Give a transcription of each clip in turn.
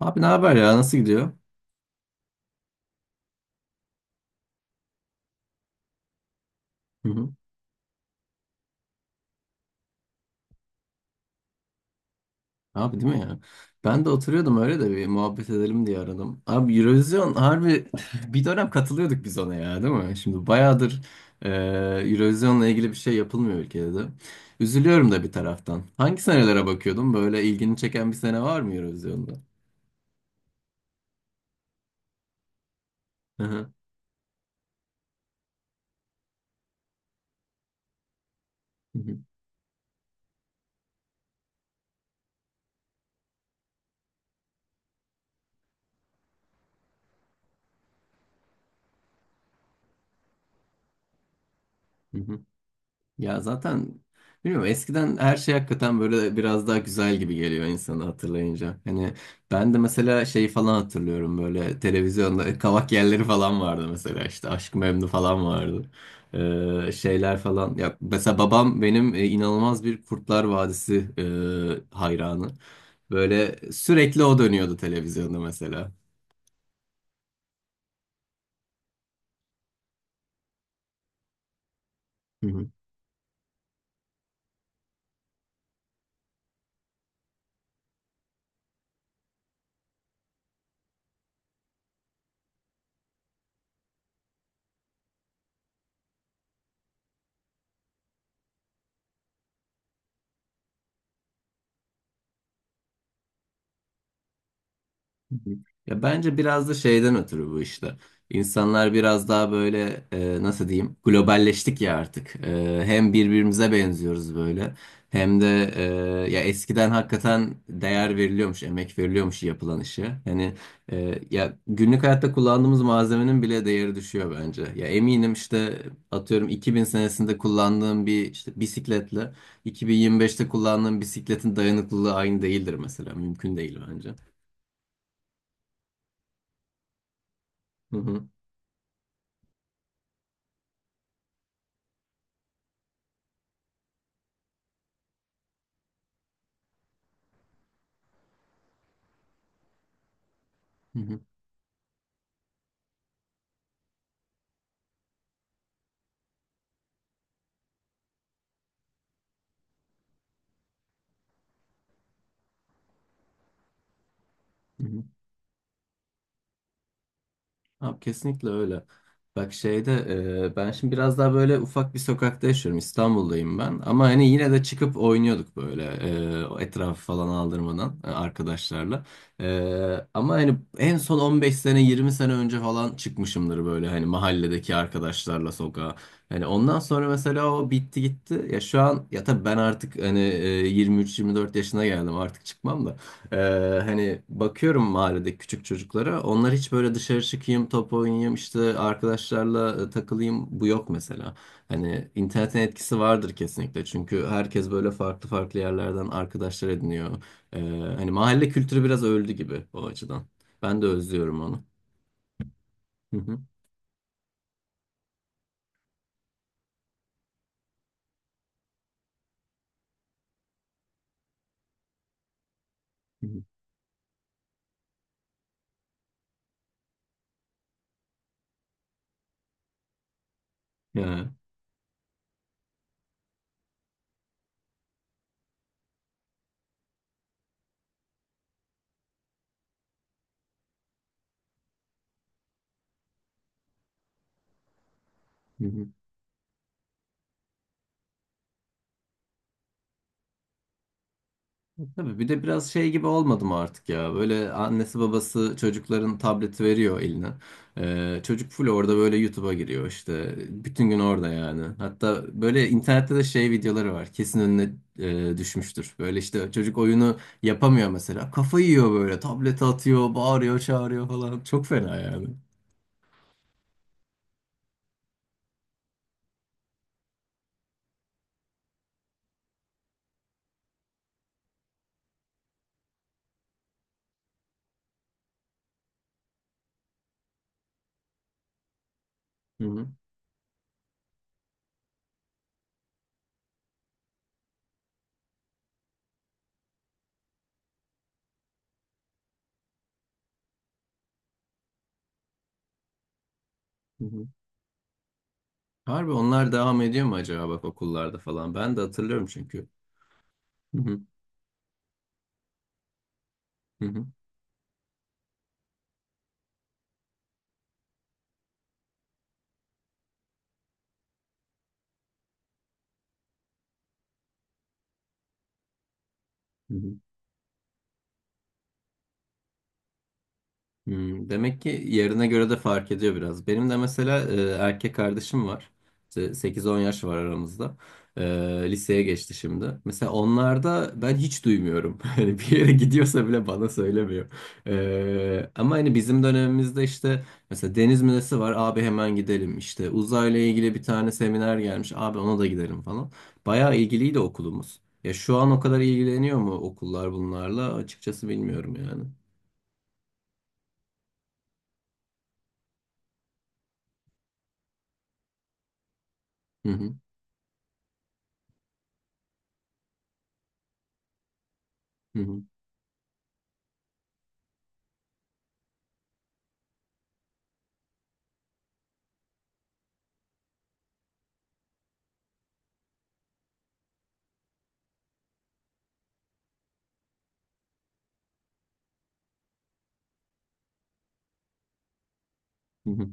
Abi ne haber ya? Nasıl gidiyor? Hı hı. Abi değil mi ya? Ben de oturuyordum öyle de bir muhabbet edelim diye aradım. Abi Eurovision harbi bir dönem katılıyorduk biz ona ya değil mi? Şimdi bayağıdır e, Eurovision'la ilgili bir şey yapılmıyor ülkede de. Üzülüyorum da bir taraftan. Hangi senelere bakıyordum? Böyle ilgini çeken bir sene var mı Eurovision'da? Hı hı. Hı hı. Ya zaten bilmiyorum, eskiden her şey hakikaten böyle biraz daha güzel gibi geliyor insanı hatırlayınca. Hani ben de mesela şeyi falan hatırlıyorum böyle televizyonda kavak yerleri falan vardı, mesela işte Aşk-ı Memnu falan vardı. Şeyler falan. Ya mesela babam benim inanılmaz bir Kurtlar Vadisi hayranı. Böyle sürekli o dönüyordu televizyonda mesela. Hı hı. Ya bence biraz da şeyden ötürü bu işte. İnsanlar biraz daha böyle nasıl diyeyim, globalleştik ya artık. Hem birbirimize benziyoruz böyle, hem de e, ya eskiden hakikaten değer veriliyormuş, emek veriliyormuş yapılan işe. Hani ya günlük hayatta kullandığımız malzemenin bile değeri düşüyor bence. Ya eminim işte atıyorum 2000 senesinde kullandığım bir işte bisikletle 2025'te kullandığım bisikletin dayanıklılığı aynı değildir mesela. Mümkün değil bence. Hı hı. Hı hı, hı hı. Abi kesinlikle öyle. Bak şeyde ben şimdi biraz daha böyle ufak bir sokakta yaşıyorum. İstanbul'dayım ben. Ama hani yine de çıkıp oynuyorduk böyle, o etrafı falan aldırmadan, arkadaşlarla. Ama hani en son 15 sene 20 sene önce falan çıkmışımdır böyle hani mahalledeki arkadaşlarla sokağa. Hani ondan sonra mesela o bitti gitti. Ya şu an ya tabii ben artık hani 23-24 yaşına geldim, artık çıkmam da. Ee, hani bakıyorum mahallede küçük çocuklara. Onlar hiç böyle dışarı çıkayım, top oynayayım, işte arkadaşlarla takılayım, bu yok mesela. Hani internetin etkisi vardır kesinlikle. Çünkü herkes böyle farklı farklı yerlerden arkadaşlar ediniyor. Ee, hani mahalle kültürü biraz öldü gibi o açıdan. Ben de özlüyorum onu. Hı hı. Hı hı. Ya. Hı hı. Tabii bir de biraz şey gibi olmadı mı artık ya? Böyle annesi babası çocukların tableti veriyor eline. Çocuk full orada böyle YouTube'a giriyor işte. Bütün gün orada yani. Hatta böyle internette de şey videoları var. Kesin önüne düşmüştür. Böyle işte çocuk oyunu yapamıyor mesela. Kafayı yiyor böyle. Tablete atıyor, bağırıyor, çağırıyor falan. Çok fena yani. Hı hı. Hı hı. Harbi onlar devam ediyor mu acaba bak okullarda falan? Ben de hatırlıyorum çünkü. Hı hı. Hı hı. Hı hı. Hmm, demek ki yerine göre de fark ediyor biraz. Benim de mesela erkek kardeşim var. İşte 8-10 yaş var aramızda. E, liseye geçti şimdi. Mesela onlarda ben hiç duymuyorum. Hani bir yere gidiyorsa bile bana söylemiyor. Ama hani bizim dönemimizde işte mesela deniz müzesi var. Abi hemen gidelim. İşte uzayla ilgili 1 tane seminer gelmiş. Abi ona da gidelim falan. Bayağı ilgiliydi okulumuz. Ya şu an o kadar ilgileniyor mu okullar bunlarla? Açıkçası bilmiyorum yani. Hı hı, hı hı, hı hı.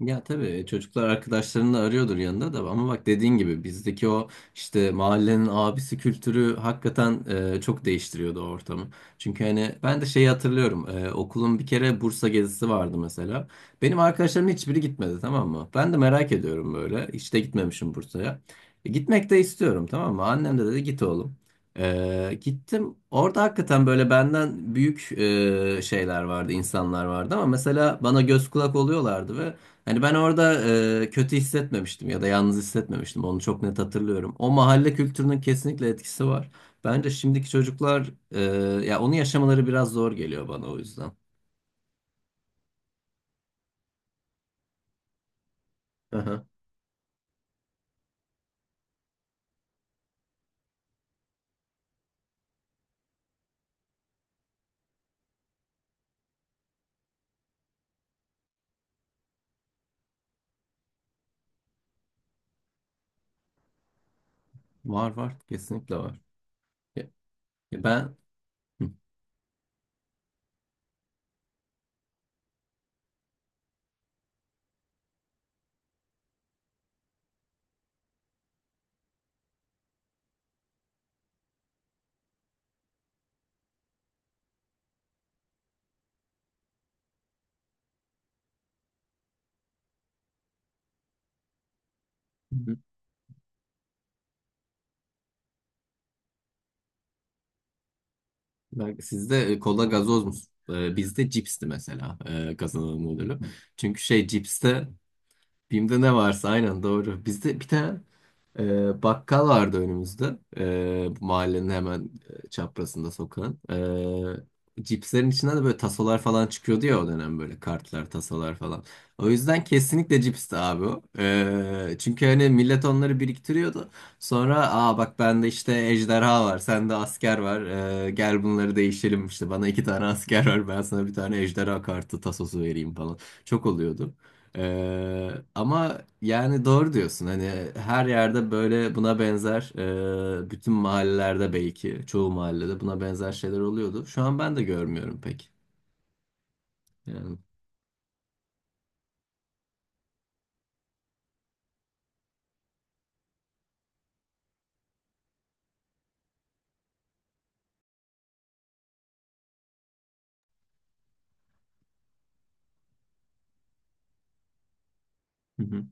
Ya tabii çocuklar arkadaşlarını arıyordur yanında da, ama bak dediğin gibi bizdeki o işte mahallenin abisi kültürü hakikaten çok değiştiriyordu o ortamı. Çünkü hani ben de şeyi hatırlıyorum, okulun bir kere Bursa gezisi vardı mesela. Benim arkadaşlarım hiçbiri gitmedi, tamam mı? Ben de merak ediyorum böyle, hiç de gitmemişim Bursa'ya. Gitmek de istiyorum, tamam mı? Annem de dedi git oğlum. Gittim orada, hakikaten böyle benden büyük şeyler vardı, insanlar vardı ama mesela bana göz kulak oluyorlardı. Hani ben orada kötü hissetmemiştim ya da yalnız hissetmemiştim. Onu çok net hatırlıyorum. O mahalle kültürünün kesinlikle etkisi var. Bence şimdiki çocuklar ya onu yaşamaları biraz zor geliyor bana, o yüzden. Aha. Var var, kesinlikle var. Ya- ya ben Hı. Hı. Belki sizde kola gazoz mu? Bizde cipsti mesela, kazanılan ödülü. Çünkü şey cipste. Bim'de ne varsa, aynen doğru. Bizde bir tane bakkal vardı önümüzde. Bu mahallenin hemen çaprazında sokağın. Cipslerin içinden de böyle tasolar falan çıkıyordu ya o dönem, böyle kartlar, tasolar falan. O yüzden kesinlikle cipsti abi o. Çünkü hani millet onları biriktiriyordu. Sonra aa bak bende işte ejderha var, sende asker var. Gel bunları değişelim işte, bana 2 tane asker var, ben sana 1 tane ejderha kartı tasosu vereyim falan. Çok oluyordu. Ama yani doğru diyorsun hani her yerde böyle buna benzer bütün mahallelerde, belki çoğu mahallede buna benzer şeyler oluyordu. Şu an ben de görmüyorum pek. Yani. Hı hı,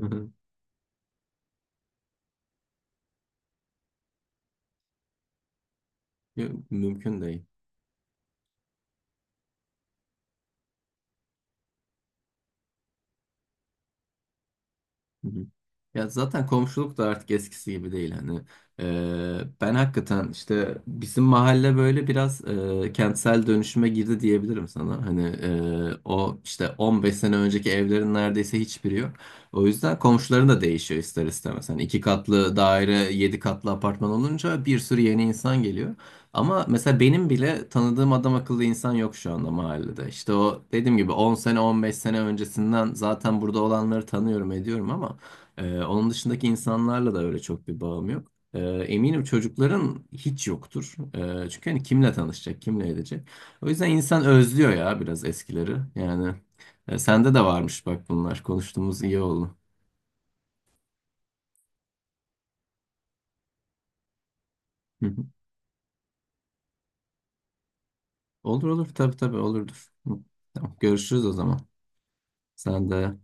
hı hı. Yok, mümkün değil. Ya zaten komşuluk da artık eskisi gibi değil hani. Ben hakikaten işte bizim mahalle böyle biraz kentsel dönüşüme girdi diyebilirim sana. Hani o işte 15 sene önceki evlerin neredeyse hiçbiri yok. O yüzden komşuların da değişiyor ister istemez. Hani 2 katlı daire, 7 katlı apartman olunca bir sürü yeni insan geliyor. Ama mesela benim bile tanıdığım adam akıllı insan yok şu anda mahallede. İşte o dediğim gibi 10 sene 15 sene öncesinden zaten burada olanları tanıyorum ediyorum ama onun dışındaki insanlarla da öyle çok bir bağım yok. Eminim çocukların hiç yoktur. Çünkü hani kimle tanışacak, kimle edecek. O yüzden insan özlüyor ya biraz eskileri. Yani sende de varmış bak bunlar. Konuştuğumuz iyi oldu. Hı hı. Olur olur, tabii tabii olurdur. Hı. Tamam, görüşürüz o zaman. Sen de.